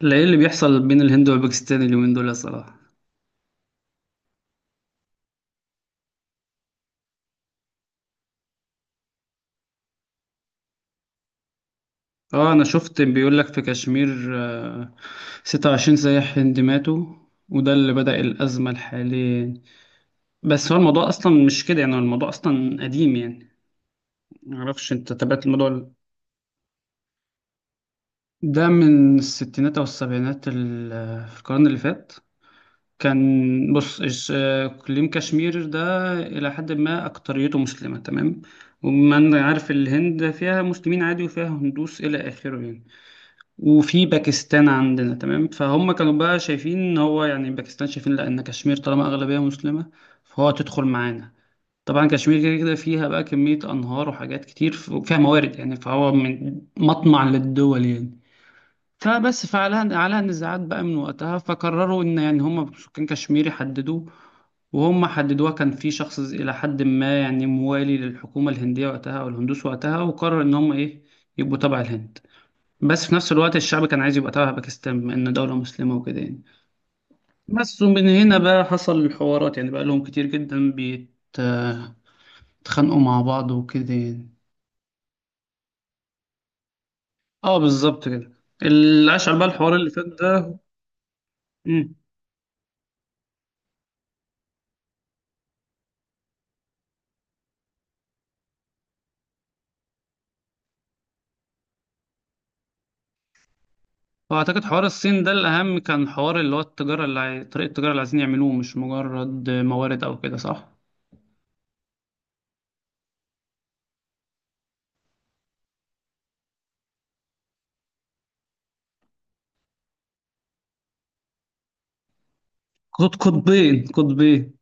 لا، ايه اللي بيحصل بين الهند والباكستان اليومين دول يا صلاح؟ اه، انا شفت بيقول لك في كشمير. آه، 26 سياح هندي ماتوا، وده اللي بدأ الأزمة الحالية. بس هو الموضوع أصلا مش كده، يعني هو الموضوع أصلا قديم يعني. معرفش أنت تابعت الموضوع ده من الستينات أو السبعينات، في القرن اللي فات. كان، بص إيش- آه، إقليم كشمير ده إلى حد ما أكتريته مسلمة تمام. وما أنا عارف، الهند فيها مسلمين عادي وفيها هندوس إلى آخره يعني. وفي باكستان عندنا تمام، فهم كانوا بقى شايفين ان هو يعني باكستان شايفين لا، ان كشمير طالما اغلبيه مسلمه، فهو هتدخل معانا. طبعا كشمير كده كده فيها بقى كميه انهار وحاجات كتير، وفيها موارد يعني، فهو من مطمع للدول يعني. فبس فعلها على نزاعات بقى من وقتها، فقرروا ان يعني هم سكان كشمير يحددوا. وهم حددوها، كان في شخص إلى حد ما يعني موالي للحكومة الهندية وقتها أو الهندوس وقتها، وقرر إن هم إيه، يبقوا تبع الهند. بس في نفس الوقت الشعب كان عايز يبقى تبع باكستان، بما إن دولة مسلمة وكده يعني. بس ومن هنا بقى حصل الحوارات، يعني بقى لهم كتير جدا بيتخانقوا مع بعض وكده يعني. اه بالظبط كده. اللي أشعل بقى الحوار اللي فات ده. مم. وأعتقد حوار الصين ده الأهم كان حوار اللي هو التجارة، طريقة التجارة اللي عايزين يعملوه، مش مجرد موارد أو كده، صح؟ قطبين.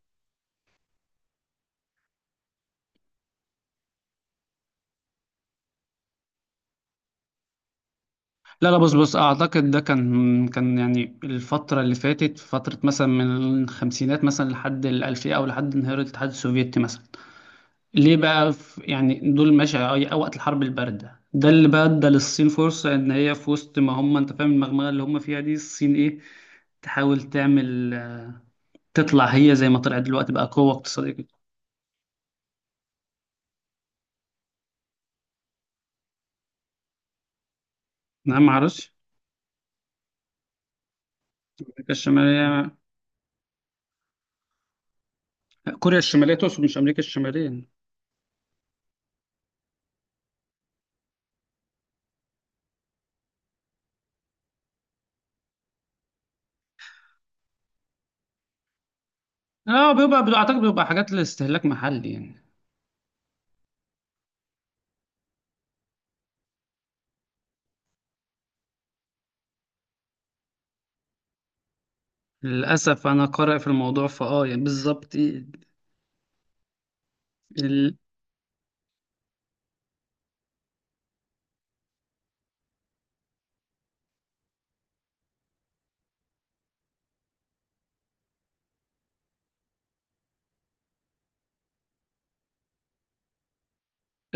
لا، لا، بص بص، اعتقد ده كان يعني الفتره اللي فاتت، فتره مثلا من الخمسينات مثلا لحد الالفيه او لحد انهيار الاتحاد السوفيتي مثلا. ليه بقى، يعني دول ماشي، أو وقت الحرب البارده ده اللي بقى ادى للصين فرصه ان هي في وسط ما هم، انت فاهم المغمغه اللي هم فيها دي، الصين ايه، تحاول تعمل، تطلع هي زي ما طلعت دلوقتي بقى قوه اقتصاديه كده. نعم، ما اعرفش. امريكا الشماليه. كوريا الشماليه تقصد، مش امريكا الشماليه. اه، اعتقد بيبقى حاجات لاستهلاك محلي يعني. للأسف أنا قارئ في الموضوع فأه يعني بالظبط إيه. ال...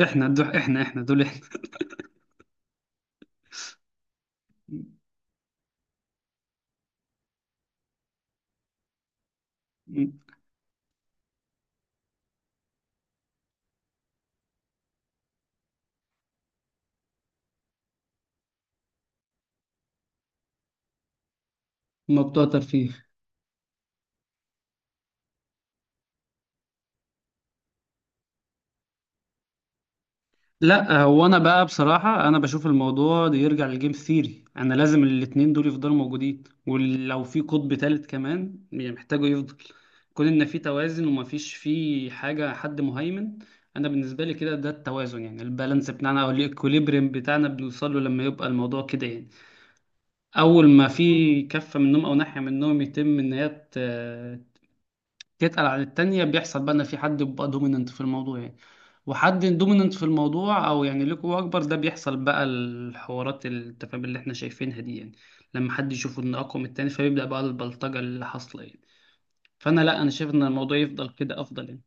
إحنا دول إحنا ما بتوع ترفيه. لا، هو أنا بقى بصراحة أنا بشوف الموضوع ده يرجع للجيم ثيري، أنا لازم الاتنين دول يفضلوا موجودين، ولو في قطب تالت كمان يعني محتاجه يفضل. كون إن في توازن ومفيش في حاجة حد مهيمن. أنا بالنسبة لي كده ده التوازن، يعني البالانس بتاعنا أو الإكوليبريم بتاعنا بنوصل له لما يبقى الموضوع كده يعني. اول ما في كفه منهم او ناحيه منهم يتم ان هي تتقل عن التانية، بيحصل بقى ان في حد بيبقى دوميننت في الموضوع يعني. وحد دوميننت في الموضوع او يعني ليه قوه اكبر، ده بيحصل بقى الحوارات التفاهم اللي احنا شايفينها دي يعني. لما حد يشوف ان اقوى من التاني، فبيبدا بقى البلطجه اللي حاصله يعني. فانا لا، انا شايف ان الموضوع يفضل كده افضل يعني.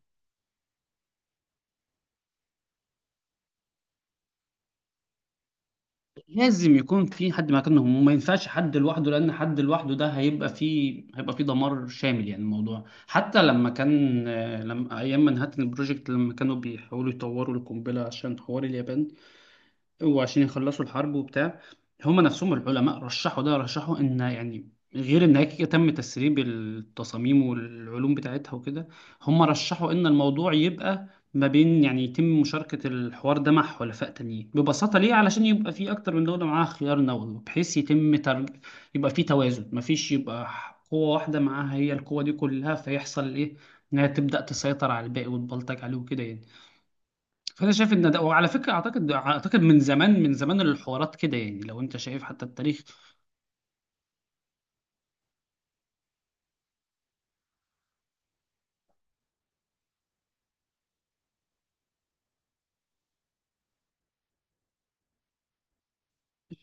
لازم يكون في حد مكانهم، وما ينفعش حد لوحده، لان حد لوحده ده هيبقى فيه، دمار شامل يعني. الموضوع حتى لما كان، لما ايام منهاتن البروجكت لما كانوا بيحاولوا يطوروا القنبله عشان حوار اليابان، وعشان يخلصوا الحرب وبتاع. هما نفسهم العلماء رشحوا ده، رشحوا ان يعني، غير ان هيك تم تسريب التصاميم والعلوم بتاعتها وكده. هما رشحوا ان الموضوع يبقى ما بين، يعني يتم مشاركة الحوار ده مع حلفاء تانيين ببساطة، ليه؟ علشان يبقى في أكتر من دولة معاها خيار نووي، بحيث يبقى في توازن، مفيش يبقى قوة واحدة معاها هي القوة دي كلها، فيحصل إيه؟ إنها تبدأ تسيطر على الباقي وتبلطج عليه وكده يعني. فانا شايف ان ده، وعلى فكره، اعتقد من زمان، من زمان الحوارات كده يعني، لو انت شايف حتى التاريخ.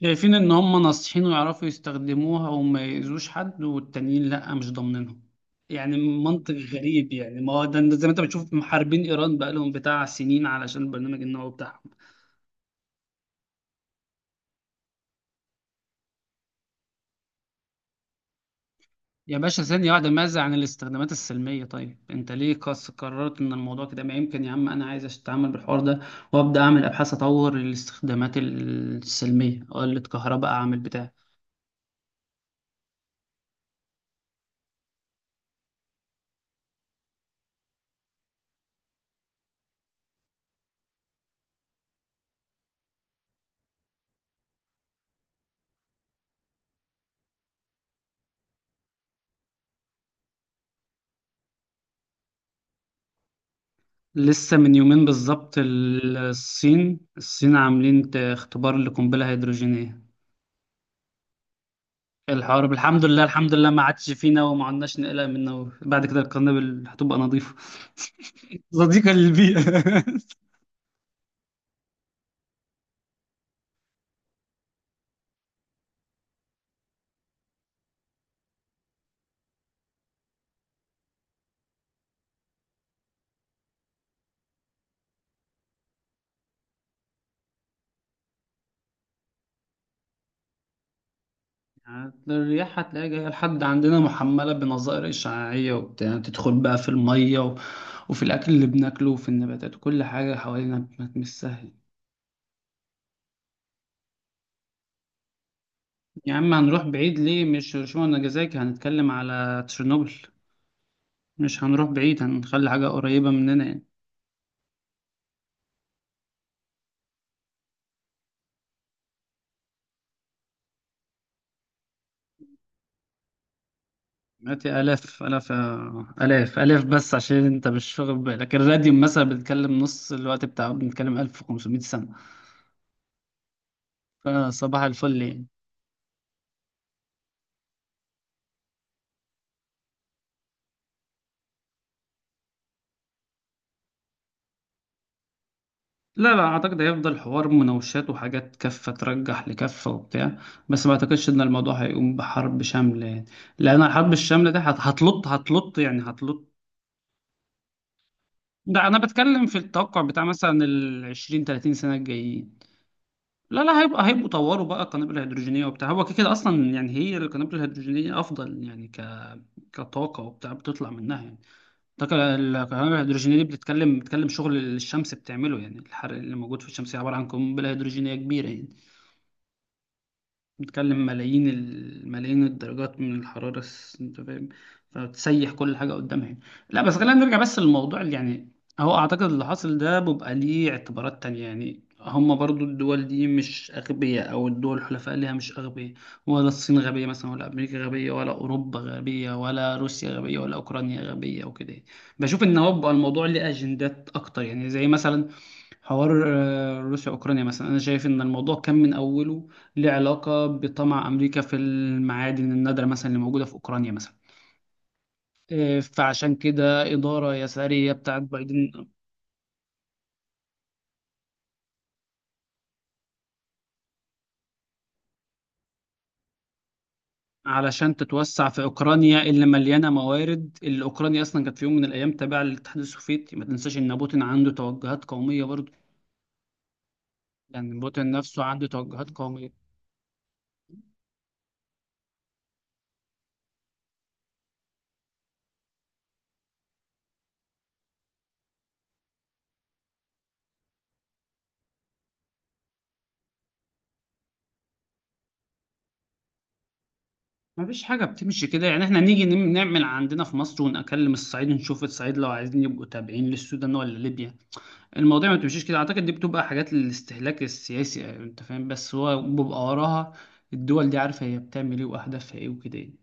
شايفين ان هم ناصحين ويعرفوا يستخدموها وما يأذوش حد، والتانيين لا، مش ضامنينهم يعني. منطق غريب يعني، ما هو ده زي ما انت بتشوف محاربين ايران بقالهم بتاع سنين علشان البرنامج النووي بتاعهم. يا باشا، ثانية واحدة، ماذا عن الاستخدامات السلمية؟ طيب انت ليه قررت ان الموضوع كده؟ ما يمكن يا عم انا عايز اتعامل بالحوار ده، وابدا اعمل ابحاث، اطور الاستخدامات السلمية، اقلد كهرباء، اعمل بتاع. لسه من يومين بالظبط، الصين عاملين اختبار لقنبلة هيدروجينية. الحوار الحمد لله، الحمد لله، ما عادش فينا وما عدناش نقلق منه، بعد كده القنابل هتبقى نظيفة. صديقة للبيئة. يعني الرياح هتلاقيها جاية لحد عندنا محملة بنظائر إشعاعية وبتاع، تدخل بقى في المية، وفي الأكل اللي بناكله وفي النباتات وكل حاجة حوالينا. مش سهل. يا عم هنروح بعيد ليه، مش هيروشيما وناجازاكي، هنتكلم على تشيرنوبل. مش هنروح بعيد، هنخلي حاجة قريبة مننا يعني. مئات آلاف آلاف، آلاف آلاف، بس عشان أنت مش واخد بالك، الراديوم مثلا، بنتكلم نص الوقت بتاعه، بنتكلم 1500 سنة. فصباح الفل يعني. لا، لا أعتقد، هيفضل حوار مناوشات وحاجات، كفة ترجح لكفة وبتاع. بس ما أعتقدش إن الموضوع هيقوم بحرب شاملة يعني. لأن الحرب الشاملة دي هتلط هتلط يعني هتلط. ده أنا بتكلم في التوقع بتاع مثلا ال 20 30 سنة الجايين. لا، لا، هيبقوا طوروا بقى القنابل الهيدروجينية وبتاع، هو كده كده أصلا يعني. هي القنابل الهيدروجينية أفضل يعني، كطاقة وبتاع بتطلع منها يعني الطاقة. القنابل الهيدروجينية دي بتتكلم، شغل الشمس بتعمله، يعني الحرق اللي موجود في الشمس عبارة عن قنبلة هيدروجينية كبيرة يعني. بتتكلم ملايين الملايين الدرجات من الحرارة، انت فاهم، فبتسيح كل حاجة قدامها يعني. لا بس خلينا نرجع بس للموضوع اللي يعني، هو اعتقد اللي حاصل ده، بيبقى ليه اعتبارات تانية يعني، هما برضو الدول دي مش أغبياء، أو الدول الحلفاء ليها مش أغبياء. ولا الصين غبية مثلا، ولا أمريكا غبية، ولا أوروبا غبية، ولا روسيا غبية، ولا أوكرانيا غبية وكده يعني. بشوف إن هو بيبقى الموضوع ليه أجندات أكتر يعني، زي مثلا حوار روسيا أوكرانيا مثلا، أنا شايف إن الموضوع كان من أوله له علاقة بطمع أمريكا في المعادن النادرة مثلا اللي موجودة في أوكرانيا مثلا. فعشان كده إدارة يسارية بتاعت بايدن، علشان تتوسع في أوكرانيا اللي مليانة موارد، اللي أوكرانيا أصلا كانت في يوم من الأيام تابعة للاتحاد السوفيتي، ما تنساش إن بوتين عنده توجهات قومية برضه، يعني بوتين نفسه عنده توجهات قومية. مفيش حاجة بتمشي كده يعني، احنا نيجي نعمل عندنا في مصر ونكلم الصعيد، نشوف الصعيد لو عايزين يبقوا تابعين للسودان ولا ليبيا. المواضيع ما بتمشيش كده، اعتقد دي بتبقى حاجات للاستهلاك السياسي يعني، انت فاهم، بس هو بيبقى وراها الدول دي عارفه هي بتعمل ايه واهدافها ايه وكده يعني.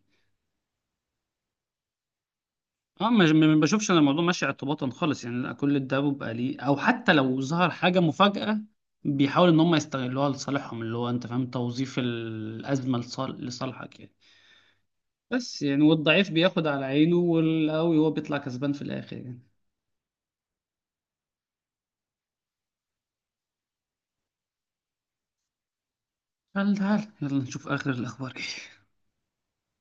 اه، ما بشوفش انا الموضوع ماشي اعتباطا خالص يعني. لا، كل ده بيبقى ليه، او حتى لو ظهر حاجه مفاجاه بيحاول ان هم يستغلوها لصالحهم، اللي هو انت فاهم توظيف الازمه لصالحك يعني. بس يعني، والضعيف بياخد على عينه، والقوي هو بيطلع كسبان في الاخر يعني. تعال تعال يلا نشوف اخر الاخبار كده.